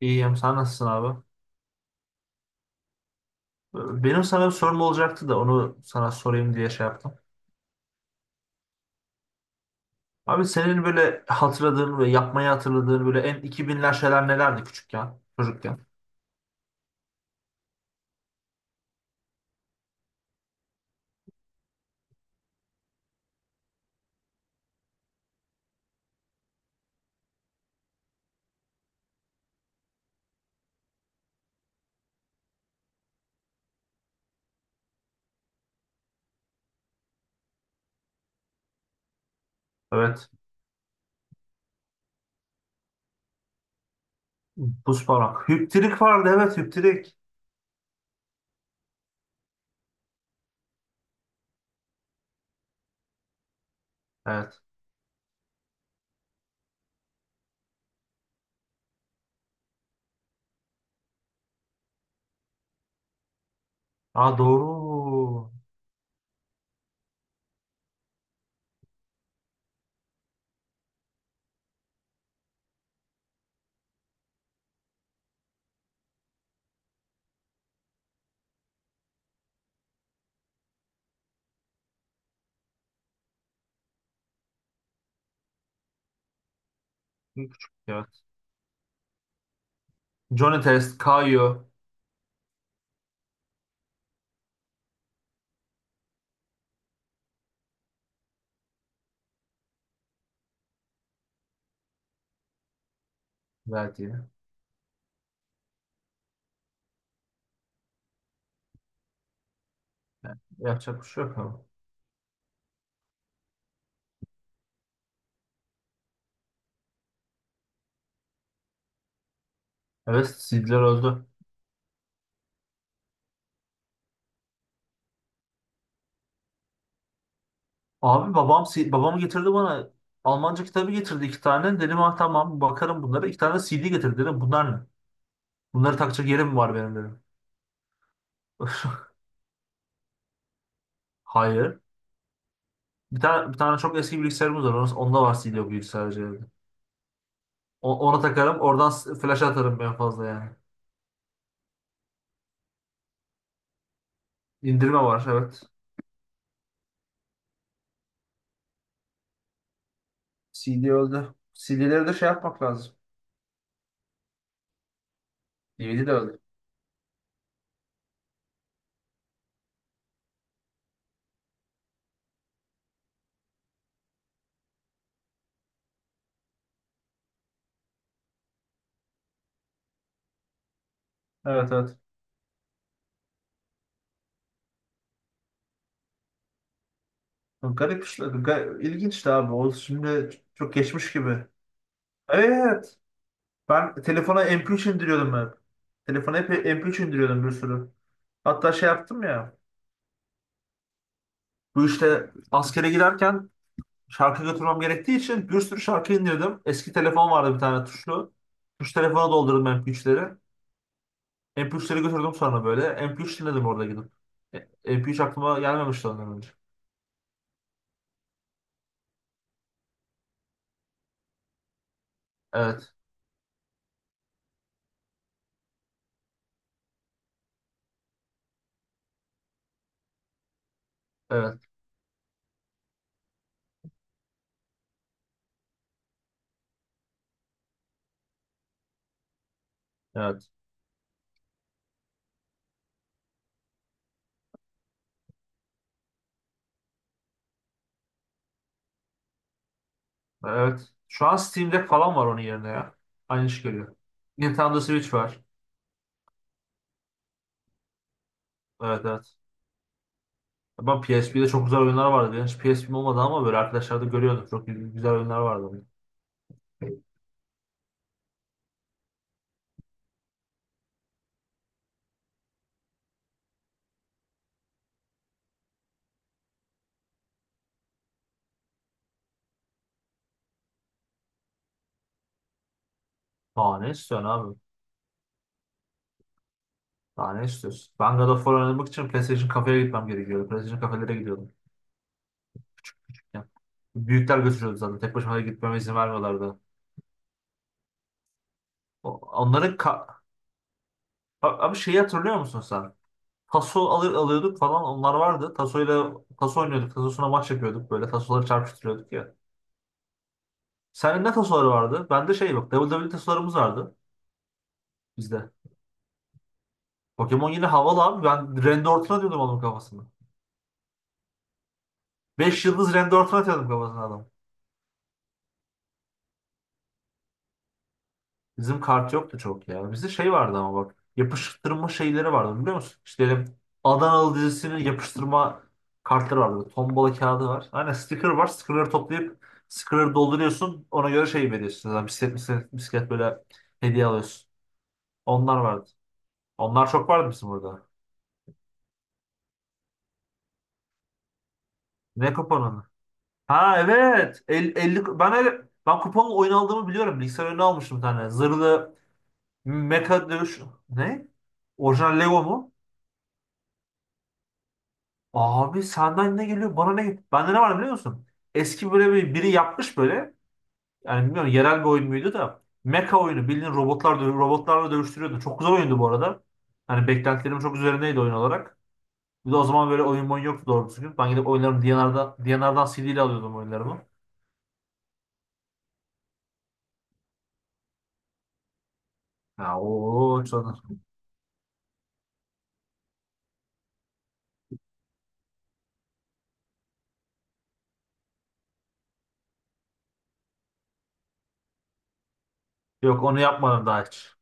İyiyim. Sen nasılsın abi? Benim sana bir sorum olacaktı da onu sana sorayım diye şey yaptım. Abi senin böyle hatırladığın ve yapmayı hatırladığın böyle en 2000'ler şeyler nelerdi küçükken, çocukken? Evet. Buz parmak. Hüptirik vardı. Evet, hüptirik. Evet. Aa doğru. Küçük. Evet. Johnny Test, Kayo verdi. Yapacak bir şey yok ama. Evet, CD'ler öldü. Abi babam babam getirdi bana Almanca kitabı getirdi iki tane. Dedim ha tamam bakarım bunlara. İki tane CD getirdi dedim. Bunlar ne? Bunları takacak yerim mi var benim dedim. Hayır. Bir tane çok eski bilgisayarımız var. Onda var CD o bilgisayarcı. Ona takarım. Oradan flash atarım en fazla yani. İndirme var evet. CD öldü. CD'leri de şey yapmak lazım. DVD de öldü. Evet, evet. Garip işler. İlginç işte abi. O şimdi çok geçmiş gibi. Evet. Ben telefona MP3 indiriyordum ben. Telefona hep MP3 indiriyordum bir sürü. Hatta şey yaptım ya. Bu işte askere giderken şarkı götürmem gerektiği için bir sürü şarkı indirdim. Eski telefon vardı bir tane tuşlu. Tuş telefona doldurdum MP3'leri. MP3'leri götürdüm sonra böyle. MP3 dinledim orada gidip. E, MP3 aklıma gelmemişti ondan önce. Evet, evet, evet, evet. Şu an Steam Deck falan var onun yerine ya. Aynı iş geliyor. Nintendo Switch var. Evet, evet. Ben PSP'de çok güzel oyunlar vardı. Ben hiç PSP'm olmadı ama böyle arkadaşlar da görüyordum. Çok güzel oyunlar vardı. Aa ne istiyorsun abi? Daha ne istiyorsun? Ben God of War oynamak için PlayStation kafeye gitmem gerekiyordu. PlayStation kafelere gidiyordum. Ya, büyükler götürüyordu zaten. Tek başıma gitmeme izin vermiyorlardı. O- Onların ka- abi şeyi hatırlıyor musun sen? Taso alıyorduk falan onlar vardı. Tasoyla taso oynuyorduk. Tasosuna maç yapıyorduk böyle. Tasoları çarpıştırıyorduk ya. Senin ne tasoları vardı? Bende şey yok. WWE tasolarımız vardı bizde. Pokemon yine havalı abi. Ben Randy Orton atıyordum onun kafasına. 5 yıldız Randy Orton atıyordum kafasına adam. Bizim kart yoktu çok ya. Bizde şey vardı ama bak. Yapıştırma şeyleri vardı biliyor musun? İşte Adanalı dizisinin yapıştırma kartları vardı. Tombala kağıdı var. Aynen sticker var. Stickerları toplayıp stickerları dolduruyorsun. Ona göre şey veriyorsun. Yani bisiklet, bisiklet, bisiklet böyle hediye alıyorsun. Onlar vardı. Onlar çok vardı bizim burada. Ne kapanın. Ha evet. 50 ben öyle, ben kuponla oyun aldığımı biliyorum. Bilgisayar oyunu almıştım bir tane. Zırhlı mecha dövüş. Ne? Orijinal Lego mu? Abi senden ne geliyor? Bana ne geliyor? Bende ne var biliyor musun? Eski böyle biri yapmış böyle. Yani bilmiyorum yerel bir oyun muydu da. Mecha oyunu bildiğin robotlar robotlarla dövüştürüyordu. Çok güzel oyundu bu arada. Hani beklentilerim çok üzerindeydi oyun olarak. Bir de o zaman böyle oyun yoktu doğru düzgün. Ben gidip oyunlarımı D&R'dan CD ile alıyordum oyunlarımı. ya o, o, çok- Yok onu yapmadım daha hiç.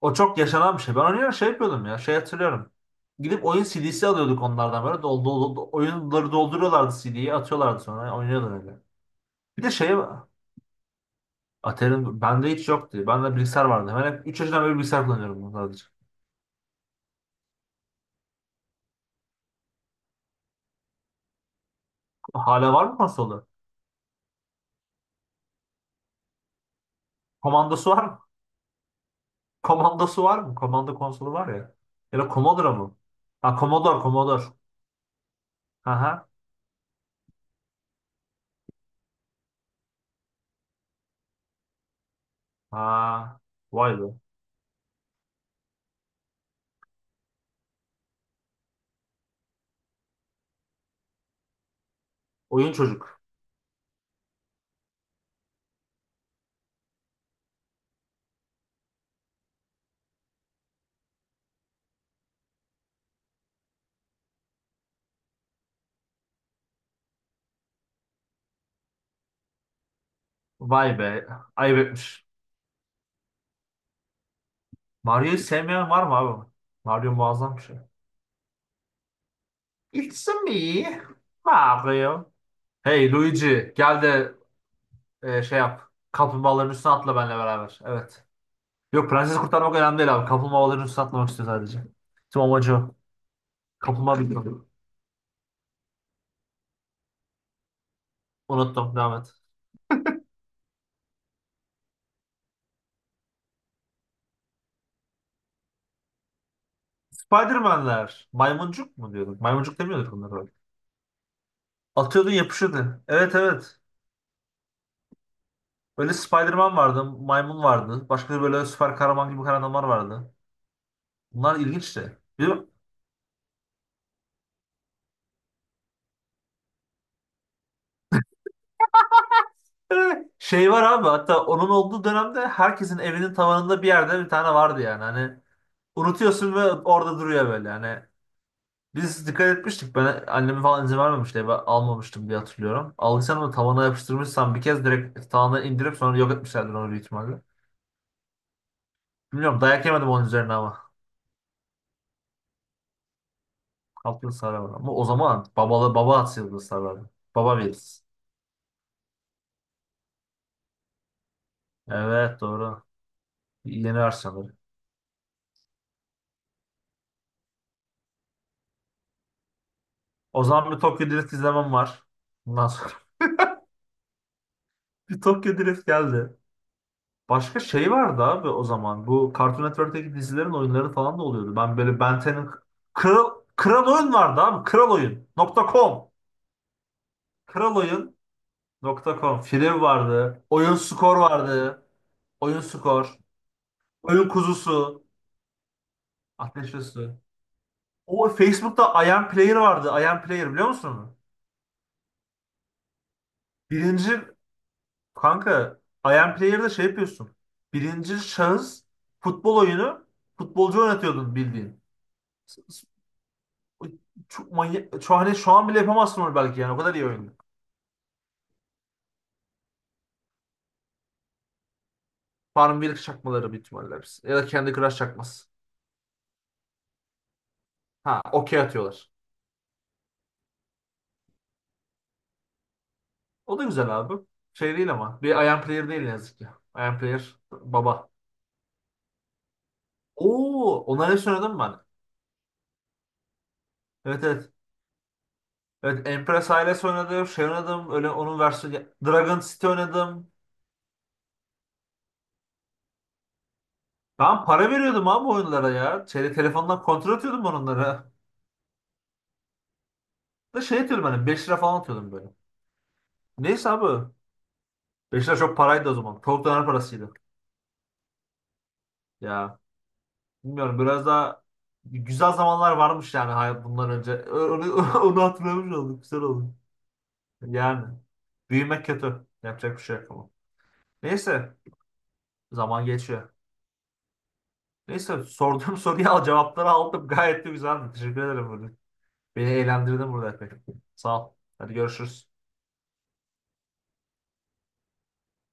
O çok yaşanan bir şey. Ben oynuyor şey yapıyordum ya. Şey hatırlıyorum. Gidip oyun CD'si alıyorduk onlardan böyle. Oyunları dolduruyorlardı, CD'yi atıyorlardı sonra oynuyordu öyle. Bir de şey Atari'nin bende hiç yoktu. Bende bilgisayar vardı. Ben hep 3 yaşından beri bilgisayar kullanıyorum bunu sadece. Hala var mı konsolu? Komandosu var mı? Komandosu var mı? Komando konsolu var ya. Ya da Commodore mu? Ha Commodore, Commodore. Aha. Ha. Vay be. Oyun çocuk. Vay be. Ayıp etmiş. Mario'yu sevmeyen var mı abi? Mario muazzam bir şey. Il me Mario. Hey Luigi gel de şey yap. Kaplumbağaların üstüne atla benimle beraber. Evet. Yok prensesi kurtarmak önemli değil abi. Kaplumbağaların üstüne atlamak istiyor sadece. Tüm amacı o. Kaplumbağa bilmiyorum. Unuttum. Devam et. Spiderman'ler. Maymuncuk mu diyorduk? Maymuncuk demiyorduk bunları öyle. Atıyordun yapışıyordu. Evet, evet. Böyle Spiderman vardı. Maymun vardı. Başka böyle süper kahraman gibi kahramanlar vardı. Bunlar ilginçti. Şey var abi, hatta onun olduğu dönemde herkesin evinin tavanında bir yerde bir tane vardı yani. Hani unutuyorsun ve orada duruyor böyle. Hani biz dikkat etmiştik. Ben anneme falan izin vermemişti. Eve almamıştım diye hatırlıyorum. Aldıysan da tavana yapıştırmışsam bir kez direkt tavandan indirip sonra yok etmişlerdir onu büyük ihtimalle. Bilmiyorum dayak yemedim onun üzerine ama. Alt yıldız sarar var. Ama o zaman baba at yıldız sarardı. Baba veririz. Evet doğru. Yeni versiyonları. O zaman bir Tokyo Drift izlemem var. Bundan sonra bir Tokyo Drift geldi. Başka şey vardı abi o zaman. Bu Cartoon Network'teki dizilerin oyunları falan da oluyordu. Ben böyle Ben 10'ın Kral, Kral Oyun vardı abi. Kraloyun.com .com Kral Oyun nokta com. Filev vardı. Oyun Skor vardı. Oyun Skor. Oyun Kuzusu. Ateş ve Su. O Facebook'ta Iron Player vardı. Iron Player biliyor musun onu? Birinci kanka Iron Player'da şey yapıyorsun. Birinci şahıs futbol oyunu futbolcu oynatıyordun bildiğin. Çok manyak, hani şu an bile yapamazsın onu belki yani o kadar iyi oyun. Farmville çakmaları büyük ihtimalle hepsi. Ya da kendi Crush çakması. Ha okey atıyorlar. O da güzel abi. Şey değil ama. Bir Iron Player değil ne yazık ki. Iron Player baba. Oo, onları hiç oynadım ben. Evet, evet. Evet Empress Ailesi oynadım. Şey oynadım. Öyle onun versiyonu. Dragon City oynadım. Ben para veriyordum abi oyunlara ya. Şeyde telefondan kontrol atıyordum ben onlara. Da şey atıyordum hani 5 lira falan atıyordum böyle. Neyse abi. 5 lira çok paraydı o zaman. Çok döner parasıydı. Ya bilmiyorum biraz daha güzel zamanlar varmış yani hayat bundan önce. Onu hatırlamış olduk. Güzel oldu. Yani büyümek kötü. Yapacak bir şey yok ama. Neyse zaman geçiyor. Neyse sorduğum soruyu cevapları aldım. Gayet de güzeldi. Teşekkür ederim burada. Beni eğlendirdin burada epey. Sağ ol. Hadi görüşürüz.